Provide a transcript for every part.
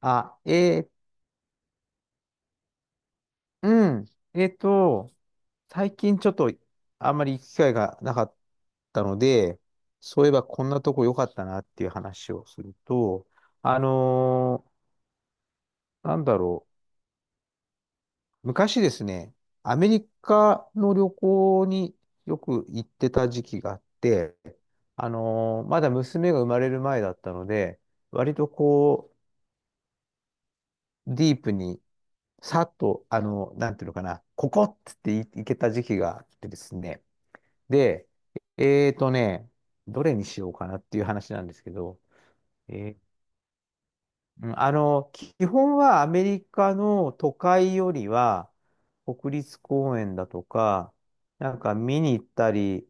あ、うん。えっと、最近ちょっとあんまり行く機会がなかったので、そういえばこんなとこ良かったなっていう話をすると、あのーなんだろう。昔ですね、アメリカの旅行によく行ってた時期があって、まだ娘が生まれる前だったので、割とこう、ディープに、さっと、なんていうのかな、ここっつってい行けた時期があってですね、で、えーとね、どれにしようかなっていう話なんですけど、えー基本はアメリカの都会よりは、国立公園だとか、なんか見に行ったり、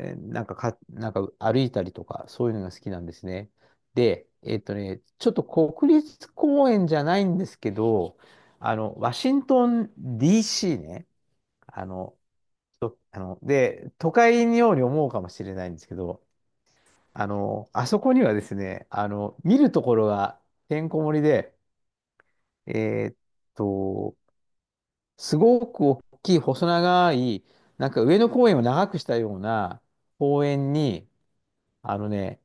えーなんかか、なんか歩いたりとか、そういうのが好きなんですね。で、ちょっと国立公園じゃないんですけど、ワシントン DC ね、あの、とあの、で、都会のように思うかもしれないんですけど、あそこにはですね、見るところがてんこ盛りで、えーっと、すごく大きい細長い、なんか上野公園を長くしたような公園に、ね、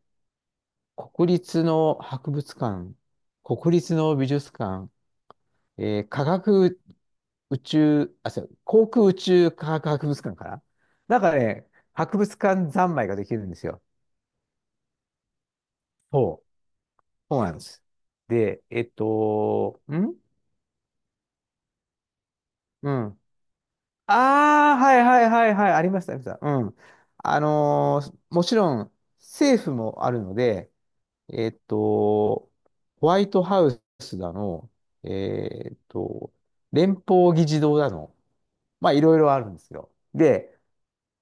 国立の博物館、国立の美術館、科学宇宙、あ、そう、航空宇宙科学博物館かななんかね、博物館三昧ができるんですよ。そう。そうなんです。で、うん。ああ、はいはいはいはい、ありました、ありました。うん。もちろん政府もあるので、えっと、ホワイトハウスだの、えっと、連邦議事堂だの、まあいろいろあるんですよ。で、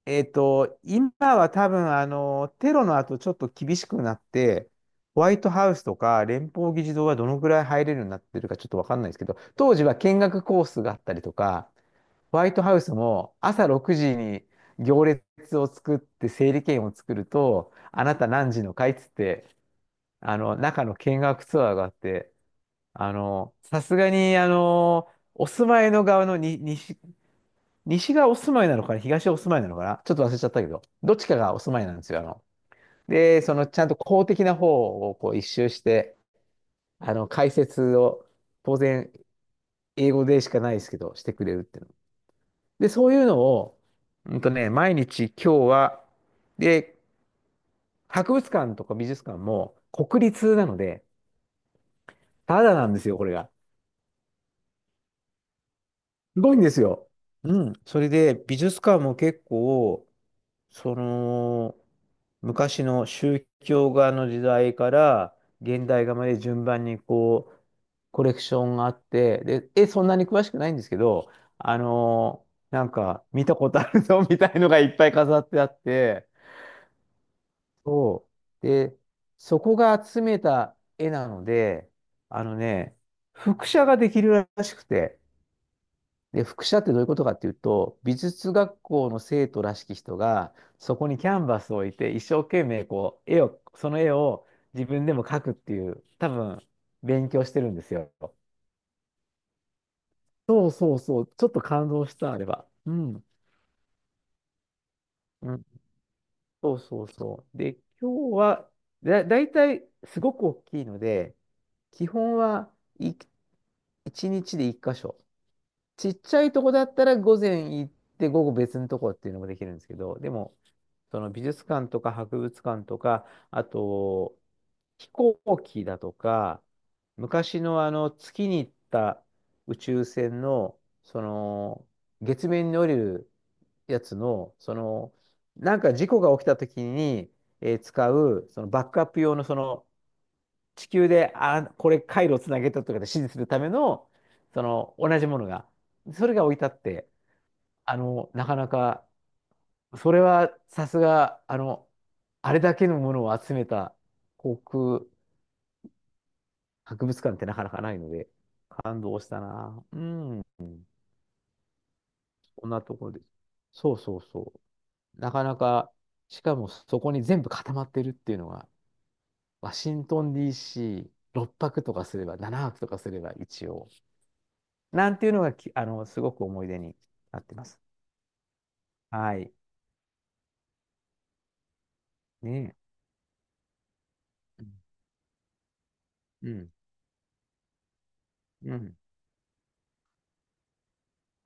今は多分、テロの後ちょっと厳しくなって、ホワイトハウスとか連邦議事堂はどのくらい入れるようになってるかちょっとわかんないですけど、当時は見学コースがあったりとか、ホワイトハウスも朝6時に行列を作って整理券を作ると、あなた何時の会っつって、中の見学ツアーがあって、さすがに、お住まいの側のに西、西がお住まいなのかな、東がお住まいなのかな、ちょっと忘れちゃったけど、どっちかがお住まいなんですよ。で、そのちゃんと公的な方をこう一周して、解説を当然英語でしかないですけど、してくれるっていうの。で、そういうのを、毎日今日は、で、博物館とか美術館も国立なので、ただなんですよ、これが。すごいんですよ。うん。それで、美術館も結構、その、昔の宗教画の時代から現代画まで順番にこう、コレクションがあって、で、え、そんなに詳しくないんですけど、あのなんか見たことあるぞ みたいのがいっぱい飾ってあって、そう。で、そこが集めた絵なので、あのね、複写ができるらしくて、で、複写ってどういうことかっていうと、美術学校の生徒らしき人が、そこにキャンバスを置いて、一生懸命こう、絵を、その絵を自分でも描くっていう、多分、勉強してるんですよ。そうそうそう、ちょっと感動した、あれは。うん。うん。そうそうそう。で、今日は、だいたいすごく大きいので、基本は、一日で一箇所。ちっちゃいとこだったら午前行って午後別のとこっていうのもできるんですけど、でも、その美術館とか博物館とか、あと、飛行機だとか、昔のあの月に行った宇宙船の、その月面に降りるやつの、その、なんか事故が起きた時に、使う、そのバックアップ用のその地球で、あ、これ回路をつなげたとかで指示するための、その同じものが、それが置いてあって、なかなか、それはさすが、あれだけのものを集めた航空博物館ってなかなかないので、感動したな。うん、こんなところです。そうそうそう。なかなか、しかもそこに全部固まってるっていうのが、ワシントン DC、6泊とかすれば、7泊とかすれば一応。なんていうのがすごく思い出になってます。はい。ねえ。うん。うん。うん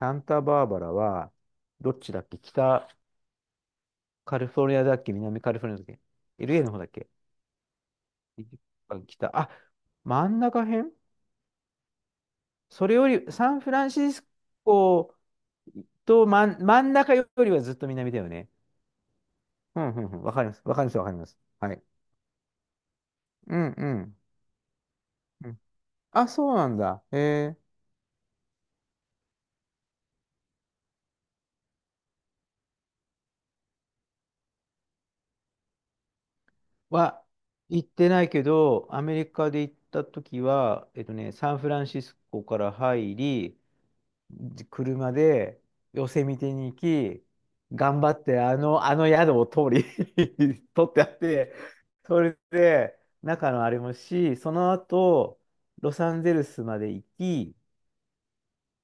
サンタバーバラは、どっちだっけ北カリフォルニアだっけ南カリフォルニアだっけ？ LA の方だっけ北。あ、真ん中辺それより、サンフランシスコと真ん中よりはずっと南だよね。うんうんうん。わかります。わかります。わかります。はい。うんうん。うんあ、そうなんだ。へえは行ってないけど、アメリカで行った時は、サンフランシスコから入り、車でヨセミテに行き、頑張ってあの宿を通り 取ってあって、それで中のあれもし、その後、ロサンゼルスまで行き、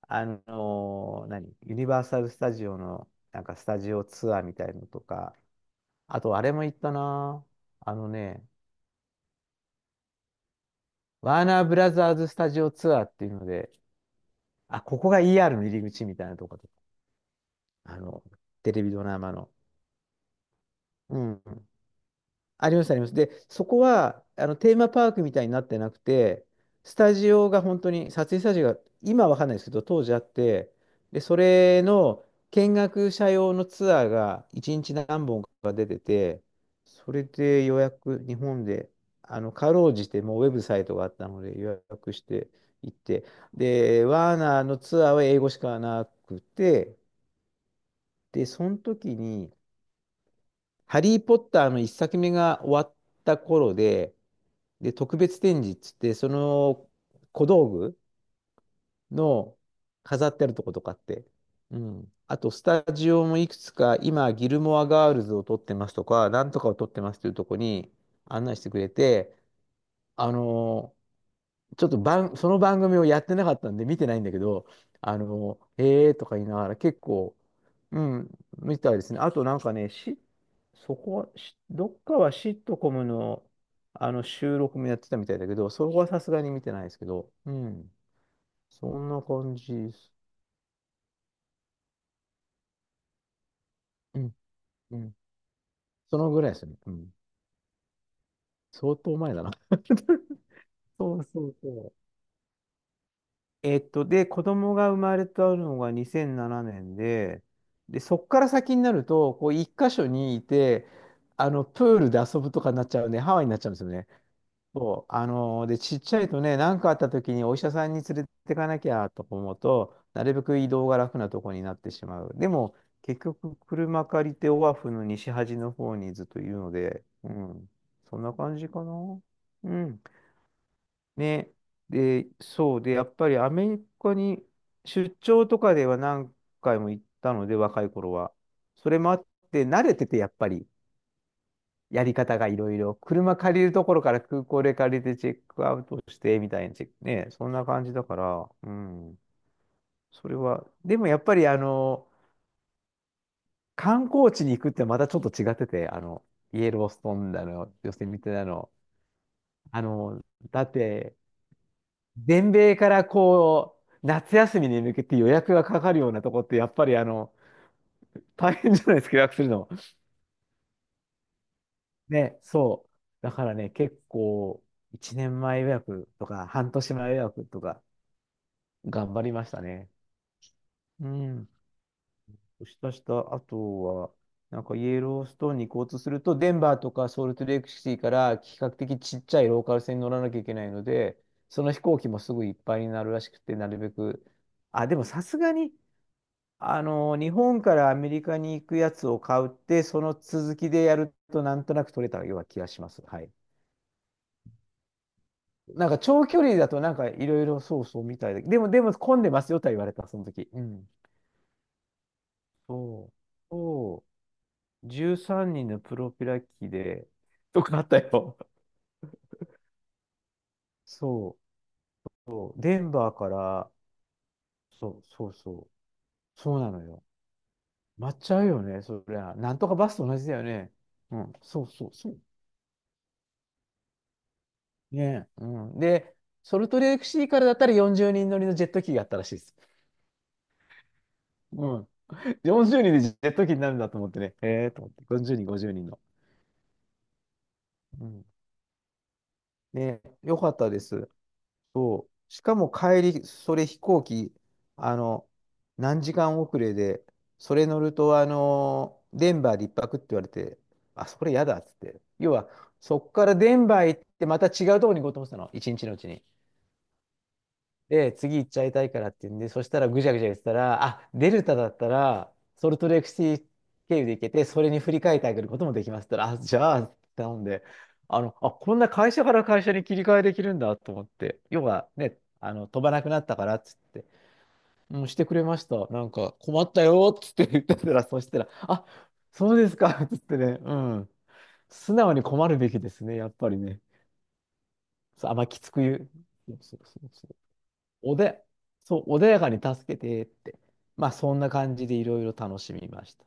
何、ユニバーサル・スタジオのなんかスタジオツアーみたいのとか、あとあれも行ったな。あのね、ワーナーブラザーズスタジオツアーっていうので、あ、ここが ER の入り口みたいなところとかあの、テレビドラマの。うん。ありますあります。で、そこは、テーマパークみたいになってなくて、スタジオが本当に、撮影スタジオが、今はわかんないですけど、当時あって、で、それの見学者用のツアーが1日何本それで予約、日本で、かろうじてもうウェブサイトがあったので予約して行って、で、ワーナーのツアーは英語しかなくて、で、その時に、ハリー・ポッターの一作目が終わった頃で、で、特別展示っつって、その小道具の飾ってあるとことかって、うん。あと、スタジオもいくつか、今、ギルモアガールズを撮ってますとか、なんとかを撮ってますというとこに案内してくれて、あのーちょっと番、その番組をやってなかったんで見てないんだけど、へえとか言いながら結構、うん、見たいですね。あとなんかね、そこ、どっかはシットコムの、収録もやってたみたいだけど、そこはさすがに見てないですけど、うん、そんな感じです。うん、うん、そのぐらいですね。うん、相当前だな。そうそうそう。で、子供が生まれたのが2007年で、で、そっから先になると、こう、一箇所にいて、プールで遊ぶとかになっちゃうんで、ハワイになっちゃうんですよね。そう。で、ちっちゃいとね、何かあった時にお医者さんに連れてかなきゃと思うと、なるべく移動が楽なとこになってしまう。でも、結局、車借りてオアフの西端の方にずっといるので、うん。そんな感じかな。うん。ね。で、そうで、やっぱりアメリカに出張とかでは何回も行ったので、若い頃は。それもあって、慣れてて、やっぱり、やり方がいろいろ。車借りるところから空港で借りてチェックアウトして、みたいなチェック、ね、そんな感じだから、うん。それは、でもやっぱり、観光地に行くってまたちょっと違ってて、イエローストーンだの、ヨセミテだの、あの、だって、全米からこう、夏休みに向けて予約がかかるようなとこって、やっぱり大変じゃないですか、予約するの。ね、そう。だからね、結構、1年前予約とか、半年前予約とか、頑張りましたね。うん。そしたした、あとは、なんかイエローストーンに行こうとすると、デンバーとかソルトレイクシティから比較的ちっちゃいローカル線に乗らなきゃいけないので、その飛行機もすぐいっぱいになるらしくて、なるべく。あ、でもさすがに、日本からアメリカに行くやつを買うって、その続きでやるとなんとなく取れたような気がします。はい。なんか長距離だとなんかいろいろそうそうみたいで、でも混んでますよとは言われた、その時。うん。そう。そう。13人のプロペラ機で、とかあったよ。そう。デンバーから、そうそうそう。そうなのよ。待っちゃうよね、そりゃ。なんとかバスと同じだよね。うん。そうそうそう。ねえ、うん。で、ソルトレークシーからだったら40人乗りのジェット機があったらしいです。うん。40人でジェット機になるんだと思ってね。ええと思って。40人、50人の。うん。ねえ、よかったです。そう。しかも帰り、それ飛行機、あの、何時間遅れで、それ乗ると、デンバーで一泊って言われて、あ、それやだっつって。要は、そこからデンバー行って、また違うところに行こうと思ってたの。一日のうちに。で、次行っちゃいたいからって言うんで、そしたらぐちゃぐちゃ言ってたら、あ、デルタだったら、ソルトレークシティ経由で行けて、それに振り替えてあげることもできますって言ったら、あ、じゃあ、頼んで、こんな会社から会社に切り替えできるんだと思って、要はね、飛ばなくなったからっつって、うん、してくれました。なんか、困ったよっつって言ってたら、そしたら、あ、そうですかっつってね、うん。素直に困るべきですね、やっぱりね。そうあんまきつく言う。そうそうそうそうおで、そう、穏やかに助けてって。まあ、そんな感じでいろいろ楽しみました。